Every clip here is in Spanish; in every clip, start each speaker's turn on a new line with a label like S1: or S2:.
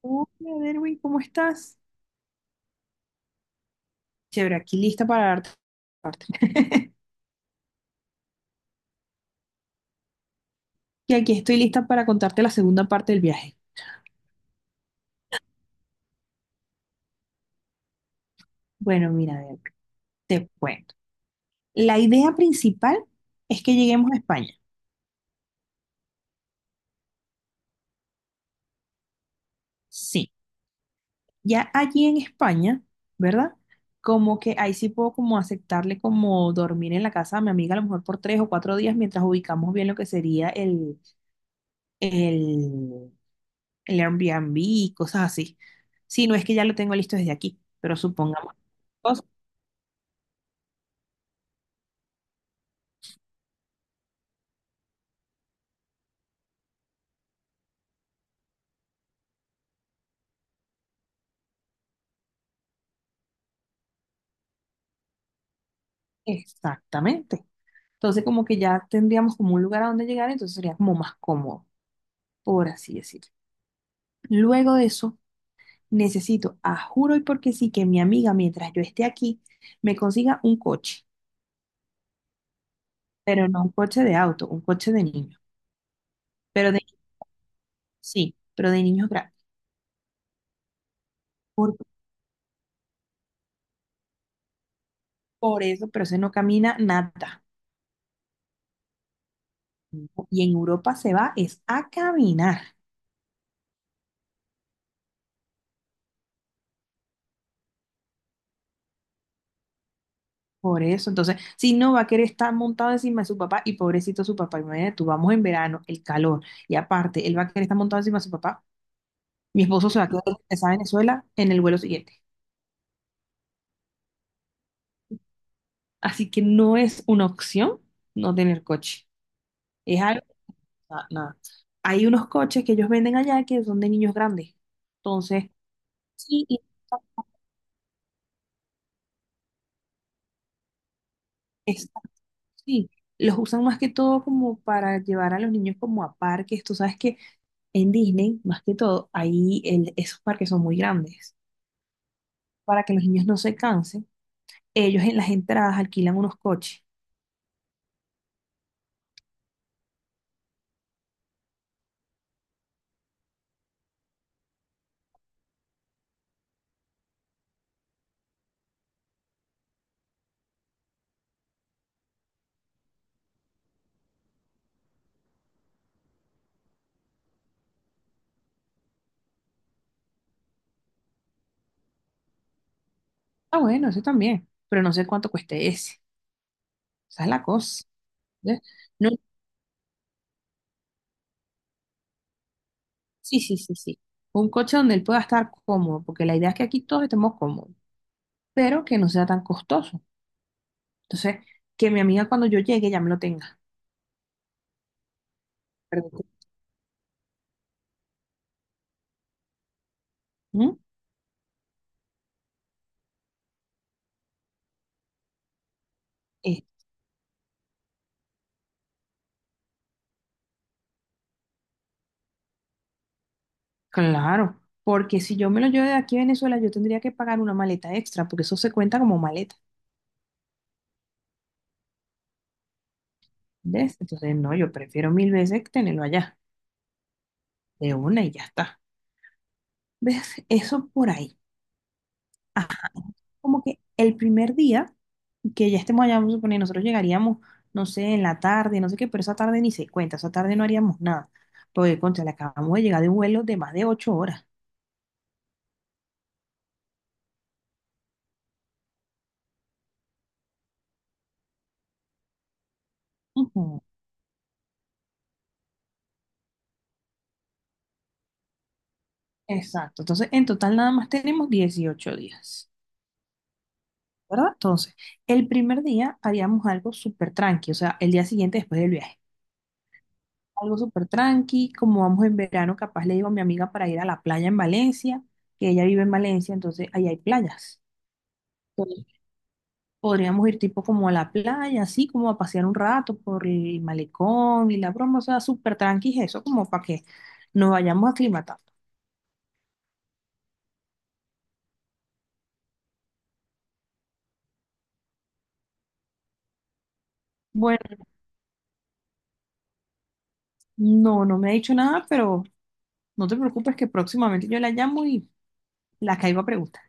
S1: Hola, Derwin, ¿cómo estás? Chévere, aquí lista para darte la parte. Y aquí estoy lista para contarte la segunda parte del viaje. Bueno, mira, Derwin, te cuento. La idea principal es que lleguemos a España. Sí, ya allí en España, ¿verdad? Como que ahí sí puedo como aceptarle como dormir en la casa de mi amiga a lo mejor por 3 o 4 días mientras ubicamos bien lo que sería el, el Airbnb y cosas así. Sí, no es que ya lo tengo listo desde aquí, pero supongamos. Exactamente. Entonces, como que ya tendríamos como un lugar a donde llegar, entonces sería como más cómodo, por así decirlo. Luego de eso, necesito, a juro y porque sí, que mi amiga, mientras yo esté aquí, me consiga un coche, pero no un coche de auto, un coche de niño. Pero de Sí, pero de niños grandes. Por, por eso, pero ese no camina nada. Y en Europa se va es a caminar. Por eso, entonces, si no va a querer estar montado encima de su papá, y pobrecito su papá, imagínate tú, vamos en verano, el calor, y aparte, él va a querer estar montado encima de su papá, mi esposo se va a quedar regresado a Venezuela en el vuelo siguiente. Así que no es una opción no tener coche, es algo, nada. Hay unos coches que ellos venden allá que son de niños grandes, entonces, sí, es- sí, los usan más que todo como para llevar a los niños como a parques, tú sabes que en Disney, más que todo, ahí esos parques son muy grandes. Para que los niños no se cansen, ellos en las entradas alquilan unos coches. Ah, bueno, eso también, pero no sé cuánto cueste ese. Esa es la cosa. ¿Ves? No, sí, sí, sí, sí. Un coche donde él pueda estar cómodo, porque la idea es que aquí todos estemos cómodos, pero que no sea tan costoso. Entonces, que mi amiga cuando yo llegue ya me lo tenga. Perdón. ¿Mm? Eh, claro, porque si yo me lo llevo de aquí a Venezuela, yo tendría que pagar una maleta extra, porque eso se cuenta como maleta. ¿Ves? Entonces, no, yo prefiero mil veces tenerlo allá, de una y ya está. ¿Ves? Eso por ahí. Ah, como que el primer día que ya estemos allá, vamos a suponer, nosotros llegaríamos, no sé, en la tarde, no sé qué, pero esa tarde ni se cuenta, esa tarde no haríamos nada. Porque, contra, le acabamos de llegar de un vuelo de más de 8 horas. Ujú, exacto. Entonces, en total nada más tenemos 18 días, ¿verdad? Entonces, el primer día haríamos algo súper tranqui, o sea, el día siguiente después del viaje. Algo súper tranqui, como vamos en verano, capaz le digo a mi amiga para ir a la playa en Valencia, que ella vive en Valencia, entonces ahí hay playas. Entonces, podríamos ir tipo como a la playa, así como a pasear un rato por el malecón y la broma, o sea, súper tranqui, eso como para que nos vayamos aclimatando. Bueno, no, no me ha dicho nada, pero no te preocupes que próximamente yo la llamo y la caigo a preguntar.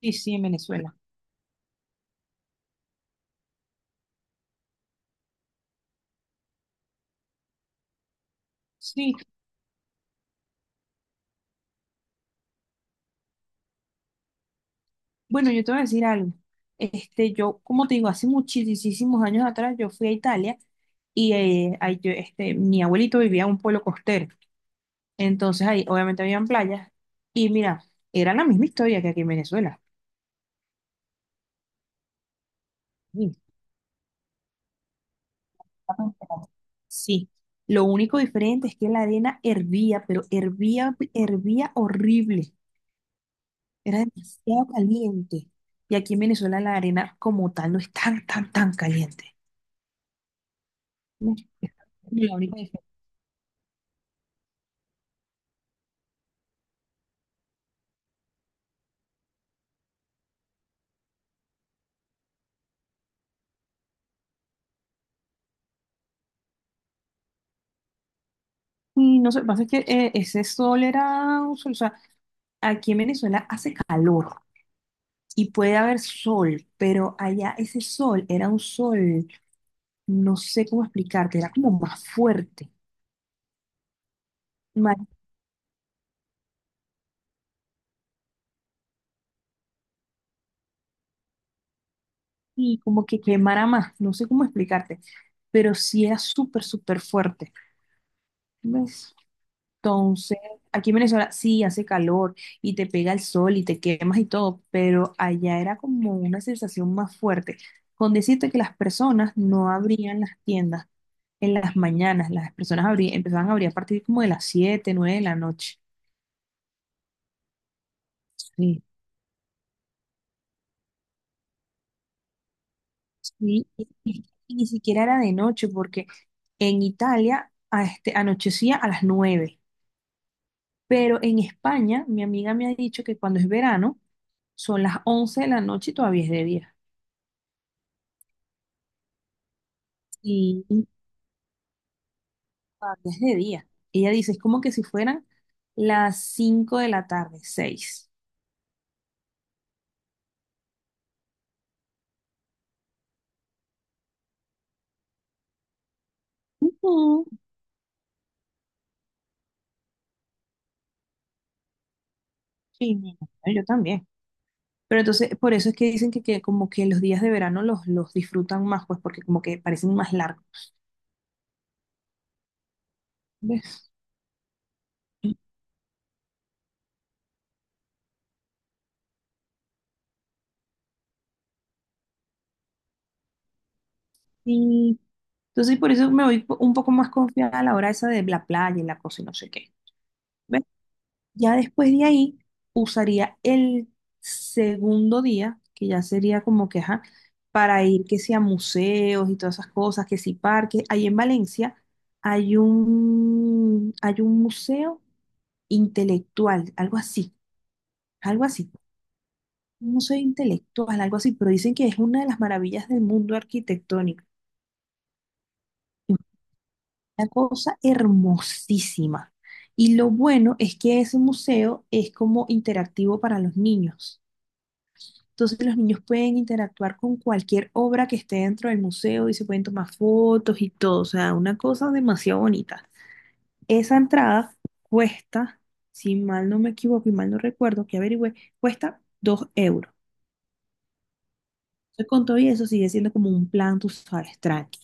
S1: Sí, sí, en Venezuela. Sí, bueno, yo te voy a decir algo. Este, yo, como te digo, hace muchísimos años atrás yo fui a Italia y ahí yo, este, mi abuelito vivía en un pueblo costero. Entonces ahí obviamente habían playas y mira, era la misma historia que aquí en Venezuela. Sí, sí. Lo único diferente es que la arena hervía, pero hervía, hervía horrible. Era demasiado caliente. Y aquí en Venezuela la arena como tal no es tan, tan, tan caliente. No, es la única. Y no sé, lo que pasa es que ese sol era un sol, o sea, aquí en Venezuela hace calor y puede haber sol, pero allá ese sol era un sol, no sé cómo explicarte, era como más fuerte, más, y como que quemara más, no sé cómo explicarte, pero sí era súper, súper fuerte. ¿Ves? Entonces, aquí en Venezuela sí hace calor y te pega el sol y te quemas y todo, pero allá era como una sensación más fuerte, con decirte que las personas no abrían las tiendas en las mañanas, las personas empezaban a abrir a partir como de las 7 9 de la noche. Sí. Sí, y ni siquiera era de noche, porque en Italia a este, anochecía a las 9, pero en España mi amiga me ha dicho que cuando es verano son las 11 de la noche y todavía es de día. Sí. Todavía es de día. Ella dice, es como que si fueran las 5 de la tarde, 6. Sí, mi amor, yo también. Pero entonces, por eso es que dicen que como que los, días de verano los disfrutan más, pues porque como que parecen más largos. ¿Ves? Y entonces por eso me voy un poco más confiada a la hora esa de la playa y la cosa y no sé qué. ¿Ves? Ya después de ahí, usaría el segundo día, que ya sería como que, ajá, para ir que sea museos y todas esas cosas, que si parques. Ahí en Valencia hay un museo intelectual, algo así, algo así. Un museo intelectual, algo así, pero dicen que es una de las maravillas del mundo arquitectónico. Es una cosa hermosísima. Y lo bueno es que ese museo es como interactivo para los niños. Entonces los niños pueden interactuar con cualquier obra que esté dentro del museo y se pueden tomar fotos y todo. O sea, una cosa demasiado bonita. Esa entrada cuesta, si mal no me equivoco y mal no recuerdo, que averigüé, cuesta dos euros. Entonces con todo y eso sigue siendo como un plan, tú sabes, tranqui.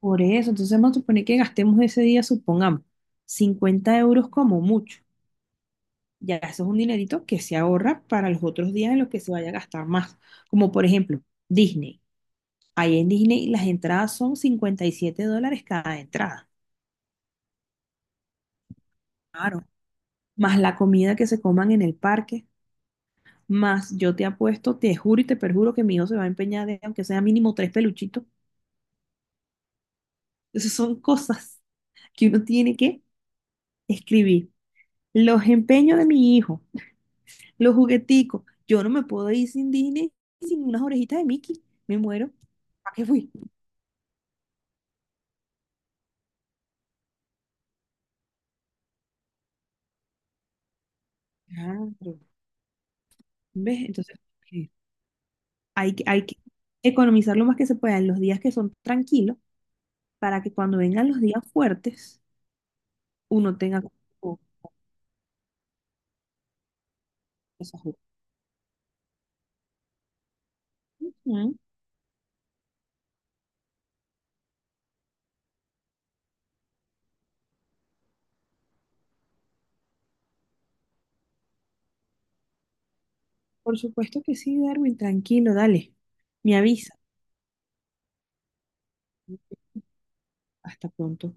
S1: Por eso, entonces vamos a suponer que gastemos ese día, supongamos, 50 € como mucho. Ya eso es un dinerito que se ahorra para los otros días en los que se vaya a gastar más. Como por ejemplo, Disney. Ahí en Disney las entradas son 57 dólares cada entrada. Claro. Más la comida que se coman en el parque. Más yo te apuesto, te juro y te perjuro que mi hijo se va a empeñar de, aunque sea mínimo tres peluchitos. Esas son cosas que uno tiene que escribir. Los empeños de mi hijo, los jugueticos. Yo no me puedo ir sin Disney, sin unas orejitas de Mickey. Me muero. ¿Para qué fui? Claro. ¿Ves? Entonces, eh, hay que economizar lo más que se pueda en los días que son tranquilos para que cuando vengan los días fuertes, uno tenga como esas opciones. Por supuesto que sí, Darwin, tranquilo, dale. Me avisa. ¿No? Hasta pronto.